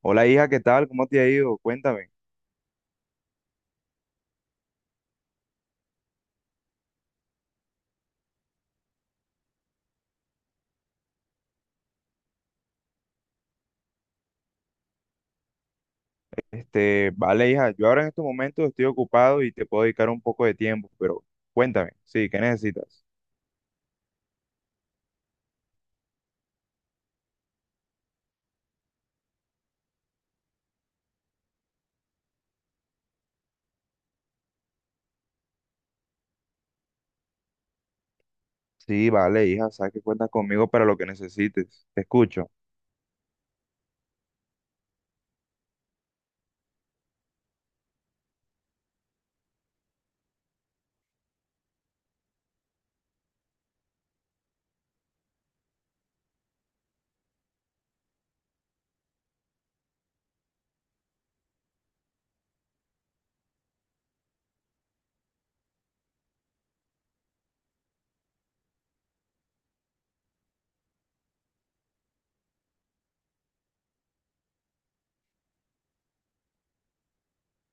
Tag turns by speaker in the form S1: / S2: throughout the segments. S1: Hola hija, ¿qué tal? ¿Cómo te ha ido? Cuéntame. Vale hija, yo ahora en estos momentos estoy ocupado y te puedo dedicar un poco de tiempo, pero cuéntame, sí, ¿qué necesitas? Sí, vale hija, sabes que cuentas conmigo para lo que necesites, te escucho.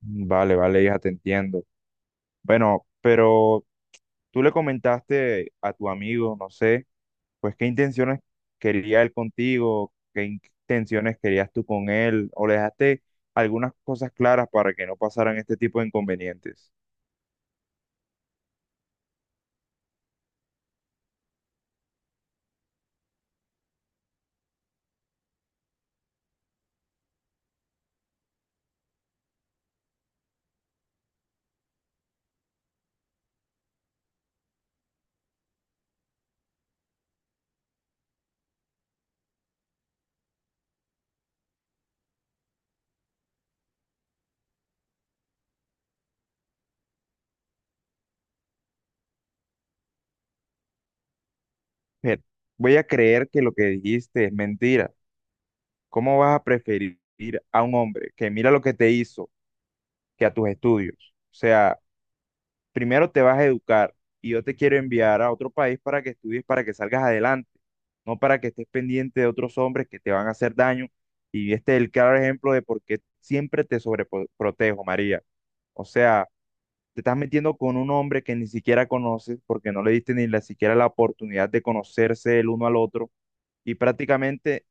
S1: Vale, vale hija, te entiendo. Bueno, pero tú le comentaste a tu amigo, no sé, pues qué intenciones quería él contigo, qué intenciones querías tú con él, o le dejaste algunas cosas claras para que no pasaran este tipo de inconvenientes. Mujer, voy a creer que lo que dijiste es mentira. ¿Cómo vas a preferir a un hombre que mira lo que te hizo que a tus estudios? O sea, primero te vas a educar y yo te quiero enviar a otro país para que estudies, para que salgas adelante, no para que estés pendiente de otros hombres que te van a hacer daño. Y este es el claro ejemplo de por qué siempre te sobreprotejo, María. O sea, te estás metiendo con un hombre que ni siquiera conoces porque no le diste ni la, siquiera la oportunidad de conocerse el uno al otro y prácticamente.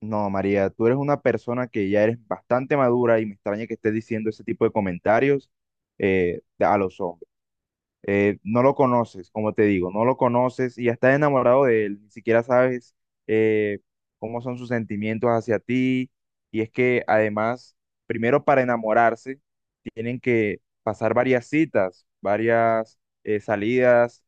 S1: No, María, tú eres una persona que ya eres bastante madura y me extraña que estés diciendo ese tipo de comentarios a los hombres. No lo conoces, como te digo, no lo conoces y ya estás enamorado de él, ni siquiera sabes eh, cómo son sus sentimientos hacia ti. Y es que además, primero para enamorarse, tienen que pasar varias citas, varias salidas.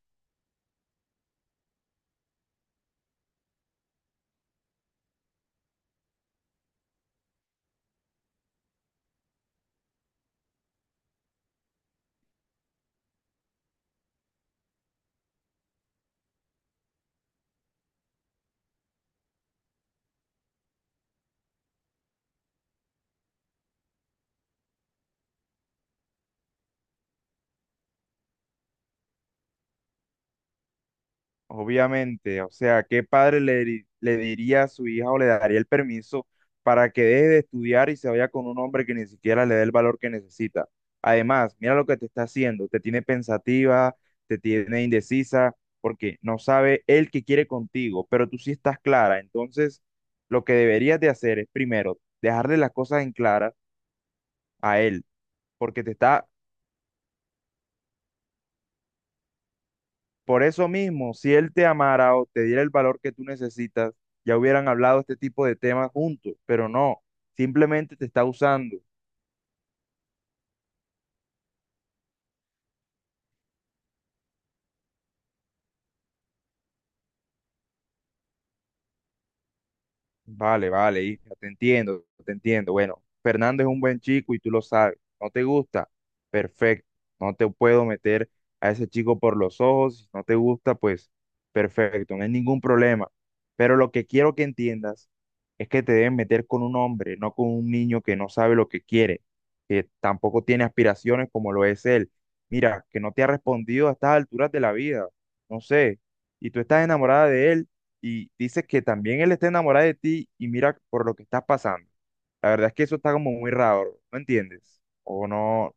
S1: Obviamente, o sea, ¿qué padre le diría a su hija o le daría el permiso para que deje de estudiar y se vaya con un hombre que ni siquiera le dé el valor que necesita? Además, mira lo que te está haciendo, te tiene pensativa, te tiene indecisa, porque no sabe él qué quiere contigo, pero tú sí estás clara. Entonces, lo que deberías de hacer es primero dejarle las cosas en claras a él, porque te está. Por eso mismo, si él te amara o te diera el valor que tú necesitas, ya hubieran hablado este tipo de temas juntos, pero no, simplemente te está usando. Vale, vale, hija, te entiendo, te entiendo. Bueno, Fernando es un buen chico y tú lo sabes. ¿No te gusta? Perfecto. No te puedo meter a ese chico por los ojos. Si no te gusta, pues perfecto, no hay ningún problema. Pero lo que quiero que entiendas es que te deben meter con un hombre, no con un niño que no sabe lo que quiere, que tampoco tiene aspiraciones como lo es él. Mira, que no te ha respondido a estas alturas de la vida. No sé. Y tú estás enamorada de él y dices que también él está enamorado de ti y mira por lo que estás pasando. La verdad es que eso está como muy raro, ¿no entiendes? O no,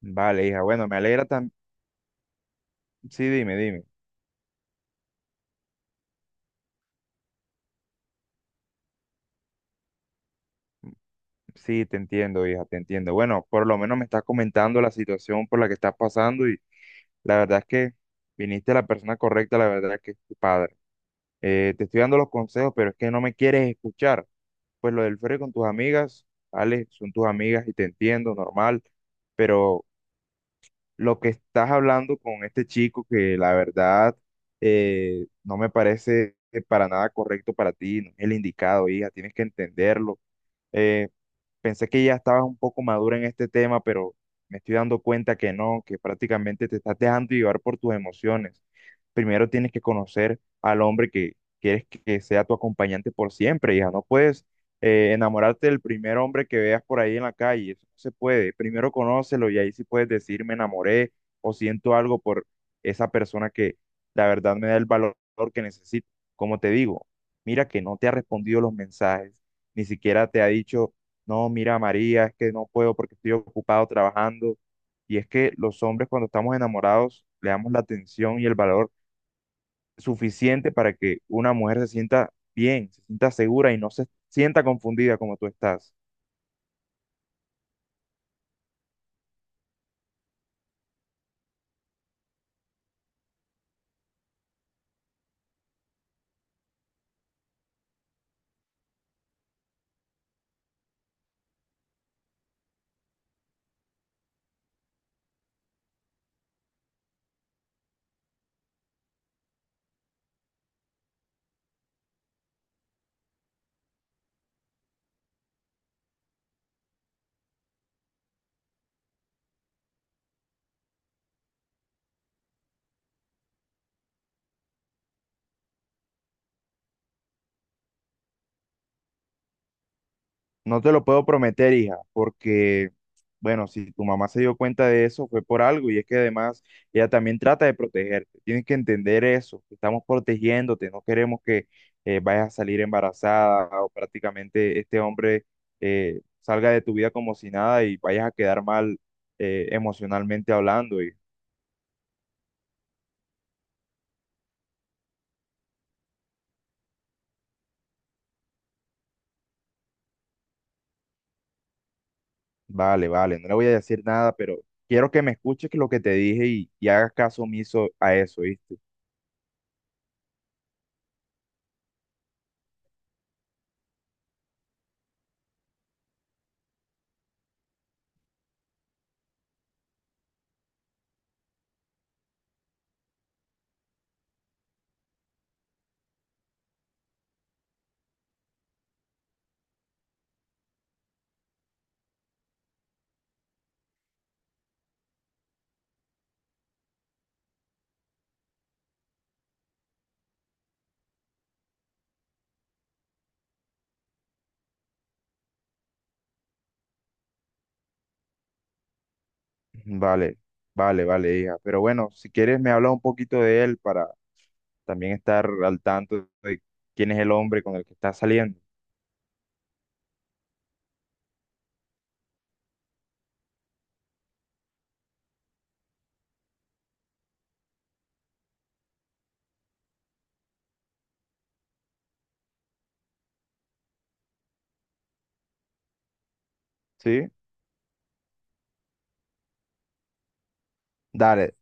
S1: vale, hija, bueno, me alegra también. Sí, dime, dime. Sí, te entiendo, hija, te entiendo. Bueno, por lo menos me estás comentando la situación por la que estás pasando y la verdad es que viniste a la persona correcta, la verdad es que es tu padre. Te estoy dando los consejos, pero es que no me quieres escuchar. Pues lo del ferry con tus amigas, vale, son tus amigas y te entiendo, normal, pero lo que estás hablando con este chico que la verdad no me parece para nada correcto para ti, no es el indicado, hija, tienes que entenderlo. Pensé que ya estabas un poco madura en este tema, pero me estoy dando cuenta que no, que prácticamente te estás dejando llevar por tus emociones. Primero tienes que conocer al hombre que quieres que sea tu acompañante por siempre, hija. No puedes enamorarte del primer hombre que veas por ahí en la calle. Eso no se puede. Primero conócelo y ahí sí puedes decir me enamoré o siento algo por esa persona que la verdad me da el valor que necesito. Como te digo, mira que no te ha respondido los mensajes, ni siquiera te ha dicho no, mira, María, es que no puedo porque estoy ocupado trabajando. Y es que los hombres cuando estamos enamorados le damos la atención y el valor suficiente para que una mujer se sienta bien, se sienta segura y no se sienta confundida como tú estás. No te lo puedo prometer, hija, porque, bueno, si tu mamá se dio cuenta de eso, fue por algo, y es que además ella también trata de protegerte. Tienes que entender eso, que estamos protegiéndote, no queremos que vayas a salir embarazada o prácticamente este hombre salga de tu vida como si nada y vayas a quedar mal emocionalmente hablando. Y, vale, vale, no le voy a decir nada, pero quiero que me escuches lo que te dije y hagas caso omiso a eso, ¿viste? Vale, vale, vale, hija. Pero bueno, si quieres me hablas un poquito de él para también estar al tanto de quién es el hombre con el que está saliendo. ¿Sí? Dale,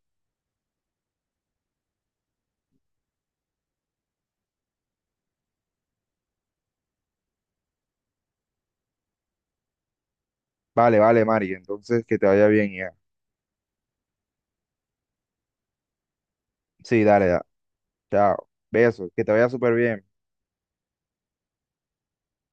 S1: vale, vale, Mari. Entonces, que te vaya bien, hija. Sí, dale, da. Chao. Besos, que te vaya súper bien.